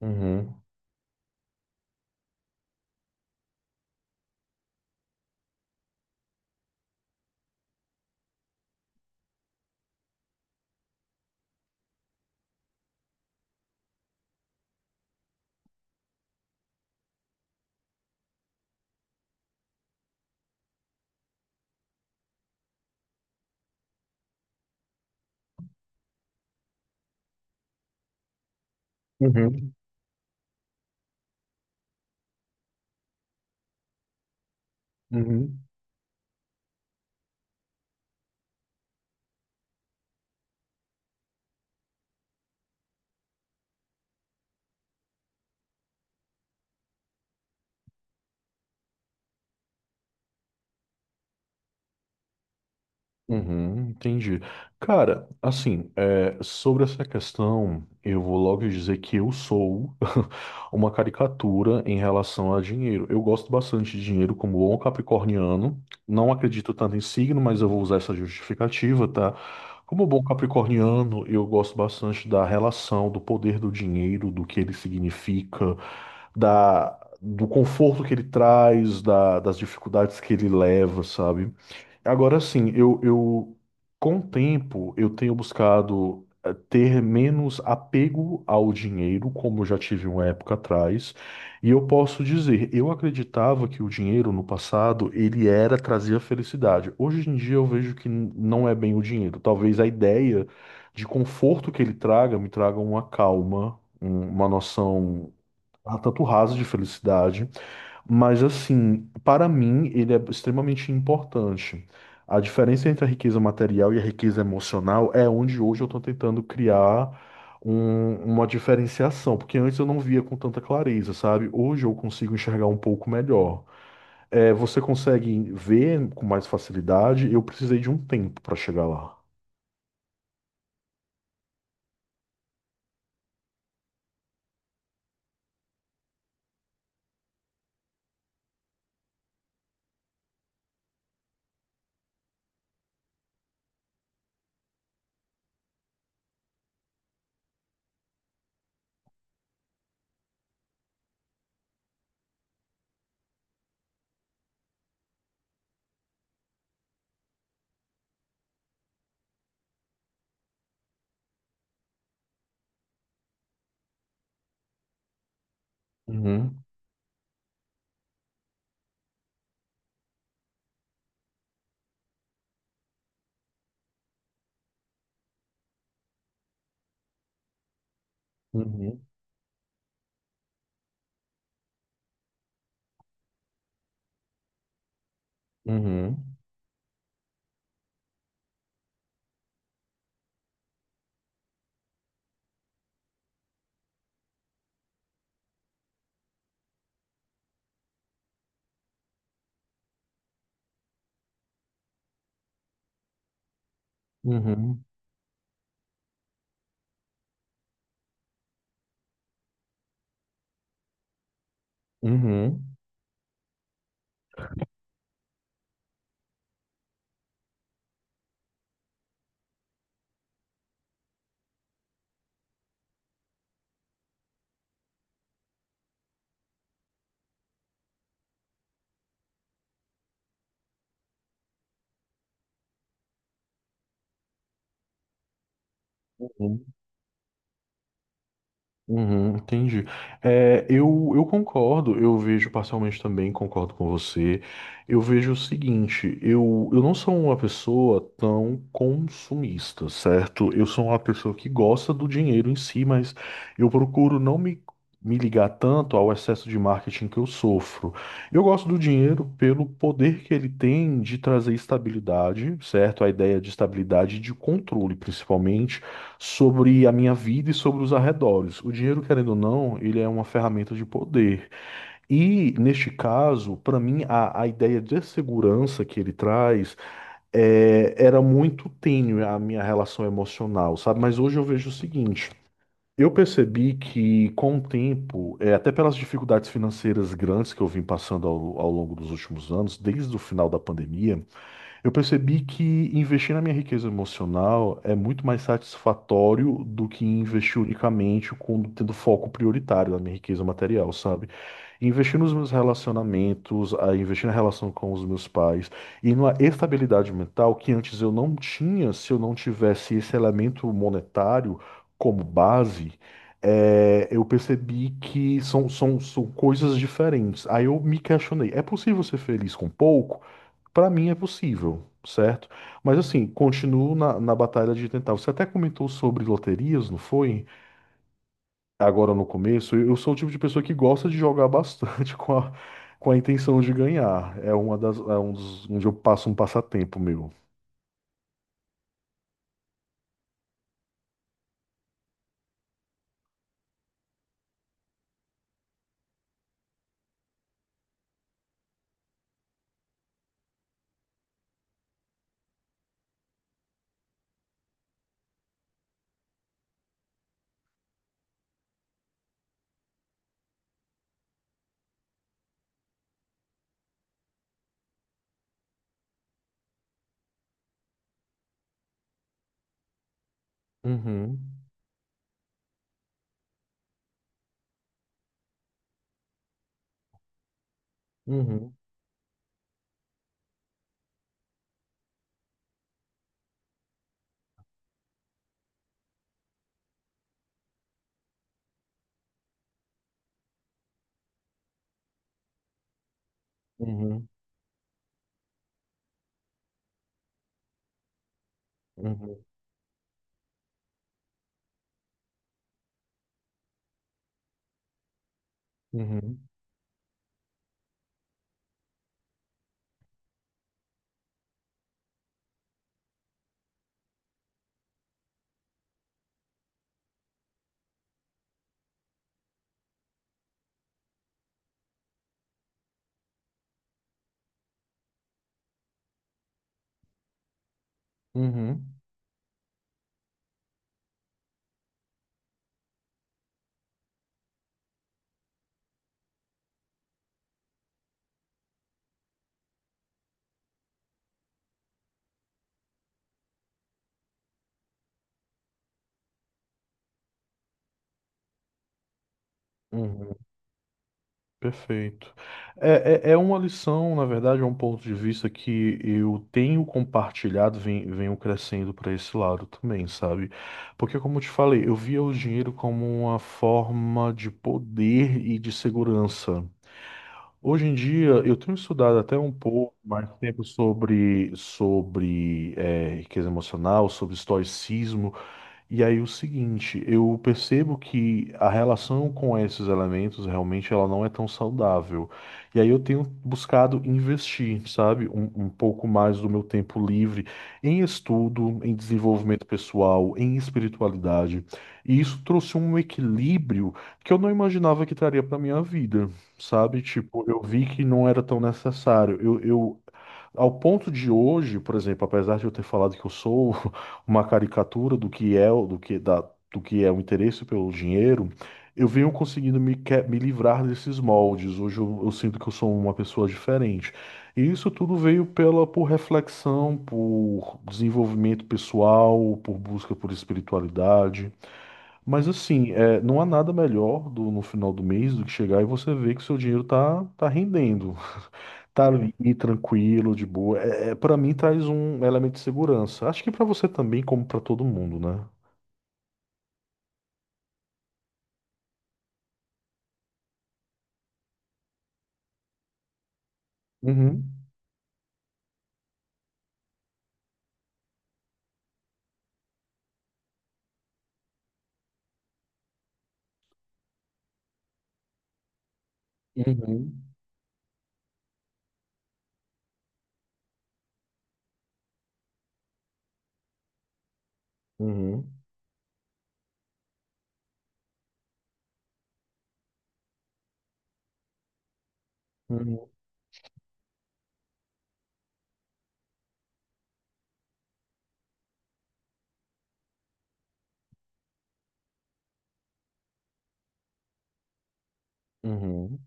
Uhum, uhum, uhum. Uhum, entendi. Cara, assim, é, sobre essa questão, eu vou logo dizer que eu sou uma caricatura em relação a dinheiro. Eu gosto bastante de dinheiro como bom capricorniano. Não acredito tanto em signo, mas eu vou usar essa justificativa, tá? Como bom capricorniano, eu gosto bastante da relação, do poder do dinheiro, do que ele significa, da, do conforto que ele traz, das dificuldades que ele leva, sabe? Agora sim, eu, com o tempo eu tenho buscado ter menos apego ao dinheiro, como eu já tive uma época atrás, e eu posso dizer, eu acreditava que o dinheiro no passado ele era trazia felicidade. Hoje em dia eu vejo que não é bem o dinheiro. Talvez a ideia de conforto que ele traga me traga uma calma, uma noção tanto rasa de felicidade. Mas assim, para mim, ele é extremamente importante. A diferença entre a riqueza material e a riqueza emocional é onde hoje eu estou tentando criar uma diferenciação, porque antes eu não via com tanta clareza, sabe? Hoje eu consigo enxergar um pouco melhor. É, você consegue ver com mais facilidade? Eu precisei de um tempo para chegar lá. Uhum, uhum, uhum, uhum, uhum, uhum. Uhum, entendi. É, eu concordo, eu vejo parcialmente também, concordo com você. Eu vejo o seguinte, eu não sou uma pessoa tão consumista, certo? Eu sou uma pessoa que gosta do dinheiro em si, mas eu procuro não me, me ligar tanto ao excesso de marketing que eu sofro. Eu gosto do dinheiro pelo poder que ele tem de trazer estabilidade, certo? A ideia de estabilidade e de controle, principalmente sobre a minha vida e sobre os arredores. O dinheiro, querendo ou não, ele é uma ferramenta de poder. E, neste caso, para mim, a ideia de segurança que ele traz é, era muito tênue a minha relação emocional, sabe? Mas hoje eu vejo o seguinte. Eu percebi que, com o tempo, é, até pelas dificuldades financeiras grandes que eu vim passando ao longo dos últimos anos, desde o final da pandemia, eu percebi que investir na minha riqueza emocional é muito mais satisfatório do que investir unicamente com, tendo foco prioritário na minha riqueza material, sabe? Investir nos meus relacionamentos, a investir na relação com os meus pais e numa estabilidade mental que antes eu não tinha se eu não tivesse esse elemento monetário como base. É, eu percebi que são coisas diferentes. Aí eu me questionei: é possível ser feliz com pouco? Para mim é possível, certo? Mas assim, continuo na batalha de tentar. Você até comentou sobre loterias, não foi? Agora no começo, eu sou o tipo de pessoa que gosta de jogar bastante com a intenção de ganhar. É uma das, é um dos, onde eu passo um passatempo meu. Uhum, uhum, uhum, uhum, uhum, uhum, uhum, uhum. Perfeito. É uma lição, na verdade, é um ponto de vista que eu tenho compartilhado, venho crescendo para esse lado também, sabe? Porque, como eu te falei, eu via o dinheiro como uma forma de poder e de segurança. Hoje em dia, eu tenho estudado até um pouco mais tempo sobre, sobre riqueza emocional, sobre estoicismo. E aí o seguinte, eu percebo que a relação com esses elementos realmente ela não é tão saudável. E aí eu tenho buscado investir, sabe, um pouco mais do meu tempo livre em estudo, em desenvolvimento pessoal, em espiritualidade. E isso trouxe um equilíbrio que eu não imaginava que traria para minha vida, sabe? Tipo, eu vi que não era tão necessário. Eu ao ponto de hoje, por exemplo, apesar de eu ter falado que eu sou uma caricatura do que é do que da, do que é o interesse pelo dinheiro, eu venho conseguindo me, me livrar desses moldes. Hoje eu sinto que eu sou uma pessoa diferente. E isso tudo veio pela por reflexão, por desenvolvimento pessoal, por busca por espiritualidade. Mas assim, é, não há nada melhor no final do mês do que chegar e você ver que seu dinheiro tá rendendo. Tá ali tranquilo, de boa. É, para mim traz um elemento de segurança. Acho que pra você também, como pra todo mundo, né? Uhum. Uhum. Uhum. Uhum. Uhum.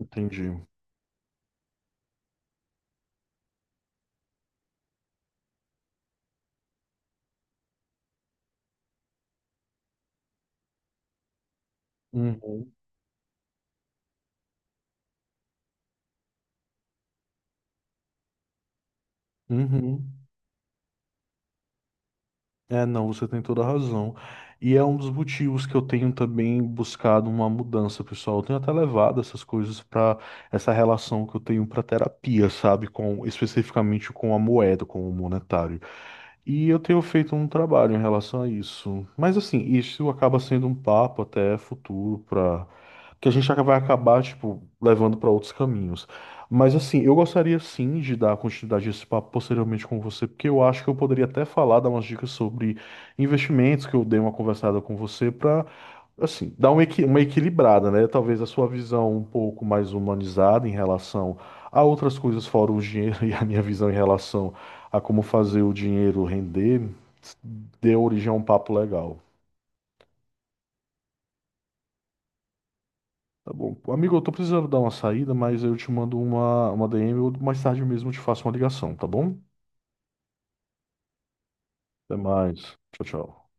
Entendi. Uhum. Uhum. É, não, você tem toda a razão. E é um dos motivos que eu tenho também buscado uma mudança, pessoal. Eu tenho até levado essas coisas para essa relação que eu tenho para terapia, sabe? Com especificamente com a moeda, com o monetário. E eu tenho feito um trabalho em relação a isso. Mas assim, isso acaba sendo um papo até futuro para que a gente vai acabar, tipo, levando para outros caminhos. Mas assim, eu gostaria sim de dar continuidade a esse papo posteriormente com você, porque eu acho que eu poderia até falar, dar umas dicas sobre investimentos, que eu dei uma conversada com você para assim, dar uma, uma equilibrada, né? Talvez a sua visão um pouco mais humanizada em relação a outras coisas fora o dinheiro e a minha visão em relação a como fazer o dinheiro render, deu origem a um papo legal. Tá bom. Amigo, eu tô precisando dar uma saída, mas eu te mando uma DM ou mais tarde mesmo eu te faço uma ligação, tá bom? Até mais. Tchau, tchau.